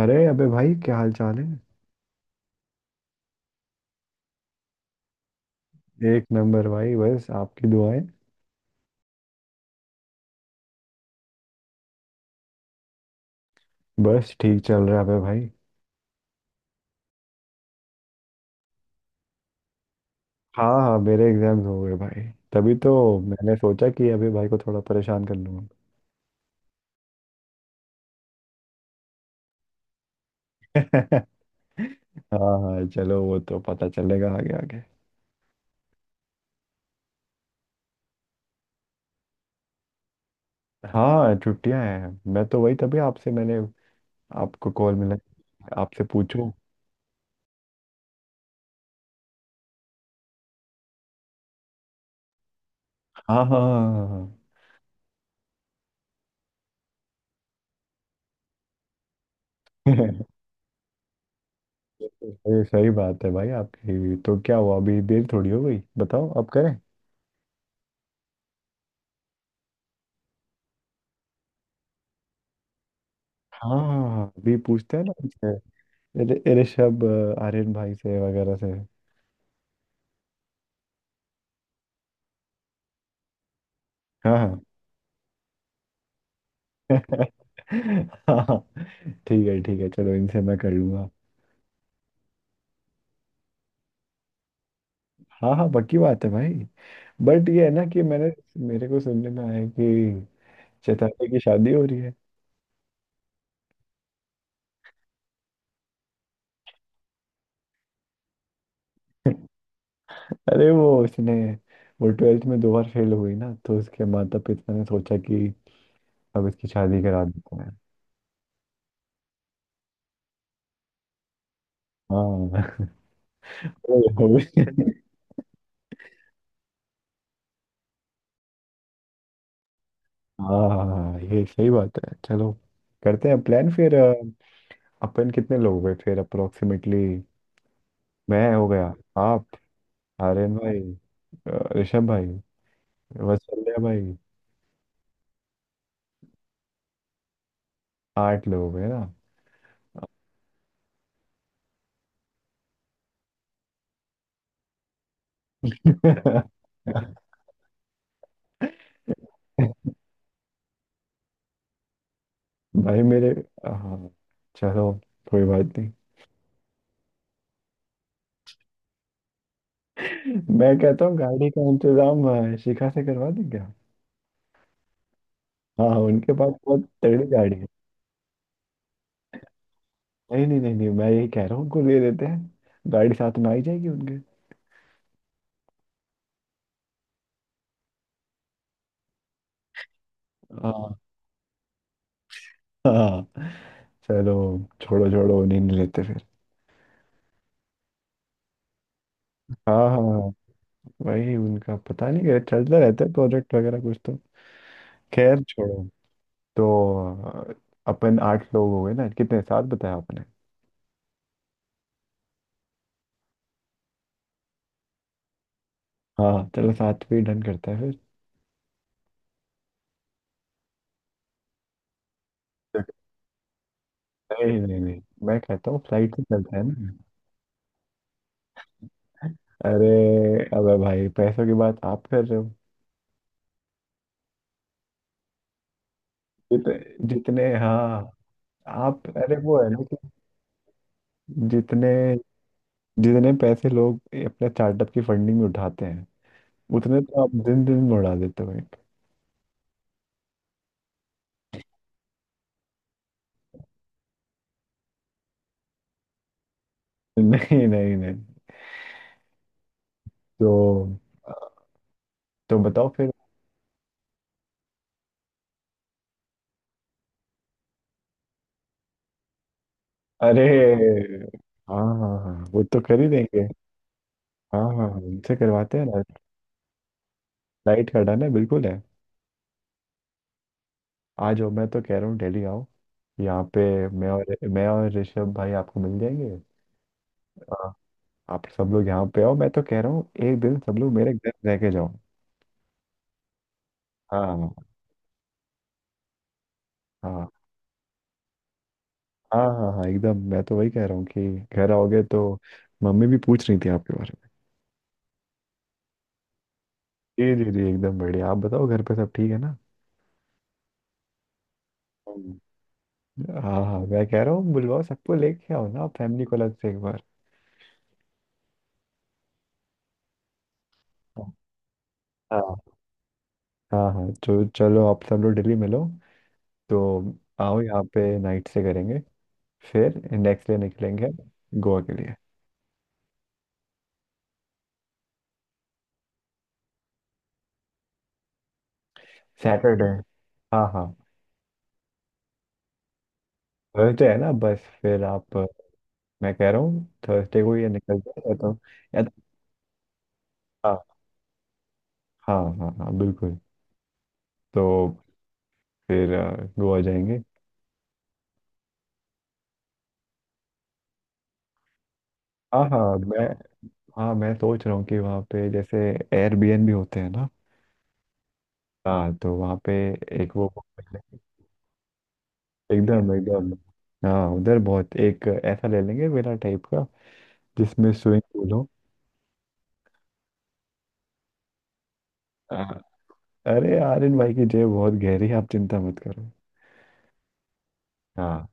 अरे अबे भाई, क्या हाल चाल है। एक नंबर भाई, बस आपकी दुआएं। बस ठीक चल रहा है अबे भाई। हाँ हाँ, मेरे एग्जाम्स हो गए भाई, तभी तो मैंने सोचा कि अबे भाई को थोड़ा परेशान कर लूंगा। हाँ हाँ, चलो वो तो पता चलेगा आगे आगे। हाँ, छुट्टियां हैं। मैं तो वही, तभी आपसे मैंने आपको कॉल मिला, आपसे पूछूं। हाँ हाँ हाँ हाँ। हाँ। ये सही बात है भाई आपकी, तो क्या हुआ, अभी देर थोड़ी हो गई, बताओ आप करें। हाँ हाँ, हाँ, अभी पूछते हैं ना ऋषभ, आर्यन भाई से वगैरह से। हाँ हाँ। हाँ, ठीक है ठीक है, चलो इनसे मैं कर लूंगा। हाँ हाँ, पक्की बात है भाई। बट ये है ना कि मैंने मेरे को सुनने में आया कि चैताली की शादी हो रही है। अरे वो उसने, वो ट्वेल्थ में 2 बार फेल हुई ना, तो उसके माता पिता ने सोचा कि अब इसकी शादी करा देते हैं। हाँ। हाँ हाँ, ये सही बात है, चलो करते हैं प्लान फिर। अपन कितने लोग हुए फिर अप्रोक्सीमेटली? मैं हो गया, आप, आर्यन भाई, ऋषभ भाई, वत्सल्य भाई। आठ लोग हुए ना। भाई मेरे। हाँ चलो, कोई बात नहीं। मैं कहता हूँ गाड़ी का इंतजाम शिखा से करवा दें क्या। हाँ, उनके पास बहुत तगड़ी गाड़ी है। नहीं नहीं नहीं नहीं, मैं यही कह रहा हूँ उनको दे देते हैं, गाड़ी साथ में आई जाएगी उनके। हाँ हाँ। चलो छोड़ो छोड़ो, उन्हीं ने लेते फिर। हाँ हाँ हाँ। वही, उनका पता नहीं क्या चलता रहता है, प्रोजेक्ट वगैरह कुछ तो। खैर छोड़ो। तो अ, अपन आठ लोग हो गए ना, कितने, सात बताया आपने। हाँ चलो, सात पे डन करते हैं फिर। नहीं नहीं नहीं, मैं कहता हूँ फ्लाइट से चलते हैं ना। अरे अबे भाई, पैसों की बात आप कर रहे हो। जितने, जितने, हाँ आप, अरे वो है ना कि जितने जितने पैसे लोग अपने स्टार्टअप की फंडिंग में उठाते हैं, उतने तो आप दिन दिन में उड़ा देते हो एक। नहीं नहीं नहीं। तो तो बताओ फिर। अरे हाँ हाँ हाँ, वो तो कर ही देंगे। हाँ हाँ हाँ, उनसे करवाते हैं ना। लाइट का डन है, बिल्कुल है। आ जाओ, मैं तो कह रहा हूँ दिल्ली आओ यहाँ पे, मैं और ऋषभ भाई आपको मिल जाएंगे। हाँ। आप सब लोग यहाँ पे आओ, मैं तो कह रहा हूँ एक दिन सब लोग मेरे घर रह के जाओ। हाँ हाँ। हाँ हाँ, हाँ एकदम, मैं तो वही कह रहा हूँ कि घर आओगे तो मम्मी भी पूछ रही थी आपके बारे में। जी जी जी, एकदम बढ़िया, आप बताओ घर पे सब ठीक है ना। हाँ हाँ, मैं कह रहा हूँ बुलवाओ, सबको लेके आओ ना, फैमिली को अलग से एक बार। हाँ हाँ हाँ, तो चलो आप सब लोग दिल्ली मिलो तो, आओ यहाँ पे, नाइट से करेंगे, फिर नेक्स्ट डे निकलेंगे गोवा के लिए। सैटरडे, हाँ हाँ। थर्सडे है ना, बस फिर आप, मैं कह रहा हूँ थर्सडे को ये निकल जाए या तो, या तो। हाँ हाँ हाँ हाँ बिल्कुल। तो फिर गोवा जाएंगे। हाँ हाँ मैं, हाँ मैं सोच रहा हूँ कि वहाँ पे जैसे एयरबीएनबी होते हैं ना। हाँ, तो वहाँ पे एक वो, एकदम एकदम। हाँ, उधर बहुत एक ऐसा ले लेंगे मेरा टाइप का, जिसमें स्विमिंग पूल हो। हाँ। अरे आर्यन भाई की जेब बहुत गहरी है, आप चिंता मत करो। हाँ,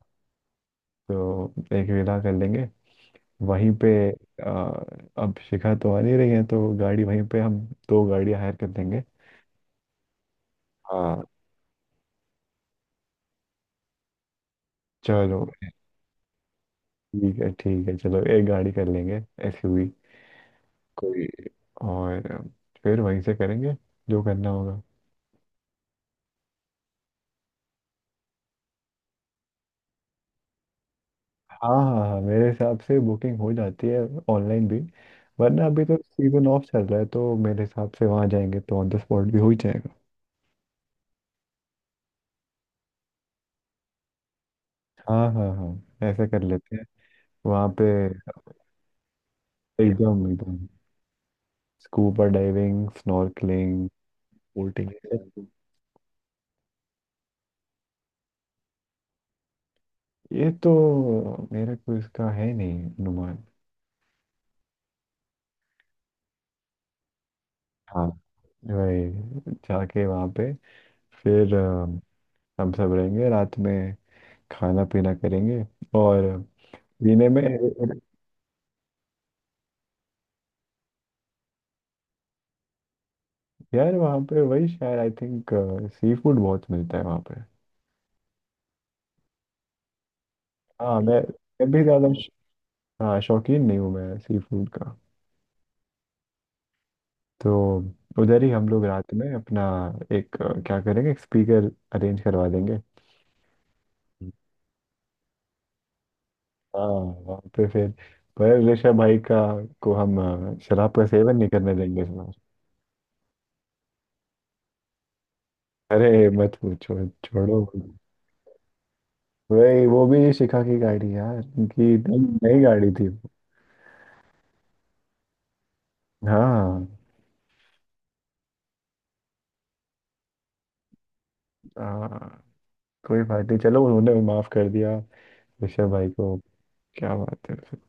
तो एक विला कर लेंगे वहीं पे। आ, अब शिखा तो आ नहीं रही है तो गाड़ी वहीं पे हम, दो गाड़ियाँ हायर कर देंगे। हाँ। चलो ठीक है ठीक है, चलो एक गाड़ी कर लेंगे, एसयूवी कोई, और फिर वहीं से करेंगे जो करना होगा। हाँ हाँ हाँ, मेरे हिसाब से बुकिंग हो जाती है, ऑनलाइन भी। वरना अभी तो सीजन ऑफ चल रहा है, तो मेरे हिसाब से वहाँ जाएंगे तो ऑन द स्पॉट भी हो ही जाएगा। हाँ हाँ हाँ, ऐसा कर लेते हैं। वहाँ पे, एकदम एकदम। Scuba diving, snorkelling, boating. ये तो मेरा कोई इसका है नहीं अनुमान। हाँ वही, जाके वहाँ पे, फिर हम सब रहेंगे रात में, खाना पीना करेंगे और, पीने में। यार वहाँ पे वही शायद आई थिंक सी फूड बहुत मिलता है वहाँ पे। हाँ मैं भी ज़्यादा हाँ शौकीन नहीं हूँ मैं सी फूड का। तो उधर ही हम लोग रात में अपना एक क्या करेंगे, एक स्पीकर अरेंज करवा देंगे। हाँ, वहाँ पे फिर, पर ऋषभ भाई का को हम शराब का सेवन नहीं करने देंगे इस बार। अरे मत पूछो छोड़ो। वही, वो भी शिखा की गाड़ी यार उनकी, नई नई गाड़ी थी वो। हाँ हाँ, कोई बात नहीं, चलो उन्होंने माफ कर दिया ऋषभ भाई को, क्या बात है फिर।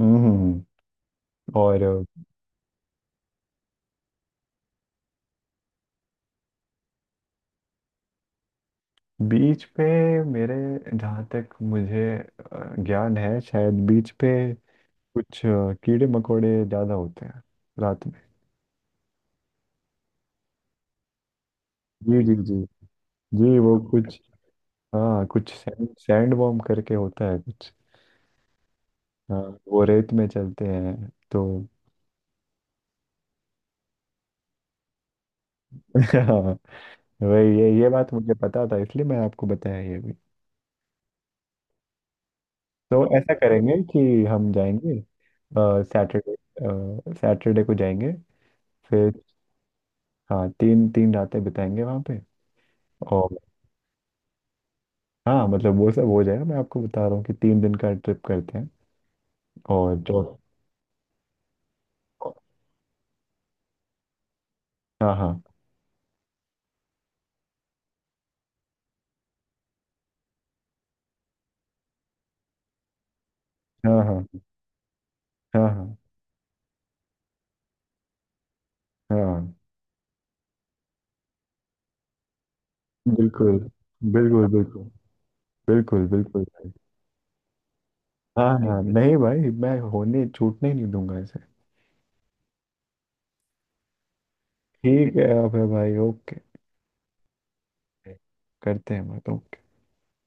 हम्म हम्म, और बीच पे मेरे, जहाँ तक मुझे ज्ञान है शायद बीच पे कुछ कीड़े मकोड़े ज्यादा होते हैं रात में। जी जी जी जी, वो कुछ, हाँ कुछ सैंड सैंड वॉर्म करके होता है कुछ। हाँ वो रेत में चलते हैं तो। हाँ वही, ये बात मुझे पता था इसलिए मैं आपको बताया ये भी। तो ऐसा करेंगे कि हम जाएंगे सैटरडे, सैटरडे को जाएंगे फिर। हाँ, तीन तीन रातें बिताएंगे वहाँ पे, और, हाँ मतलब वो सब हो जाएगा, मैं आपको बता रहा हूँ कि 3 दिन का ट्रिप करते हैं। और जो, हाँ हाँ हाँ हाँ हाँ हाँ हाँ बिल्कुल, बिल्कुल बिल्कुल, बिल्कुल बिल्कुल भाई। हाँ हाँ नहीं भाई, मैं होने, छूटने ही नहीं दूंगा इसे। ठीक है अब भाई, ओके, करते हैं बात, ओके।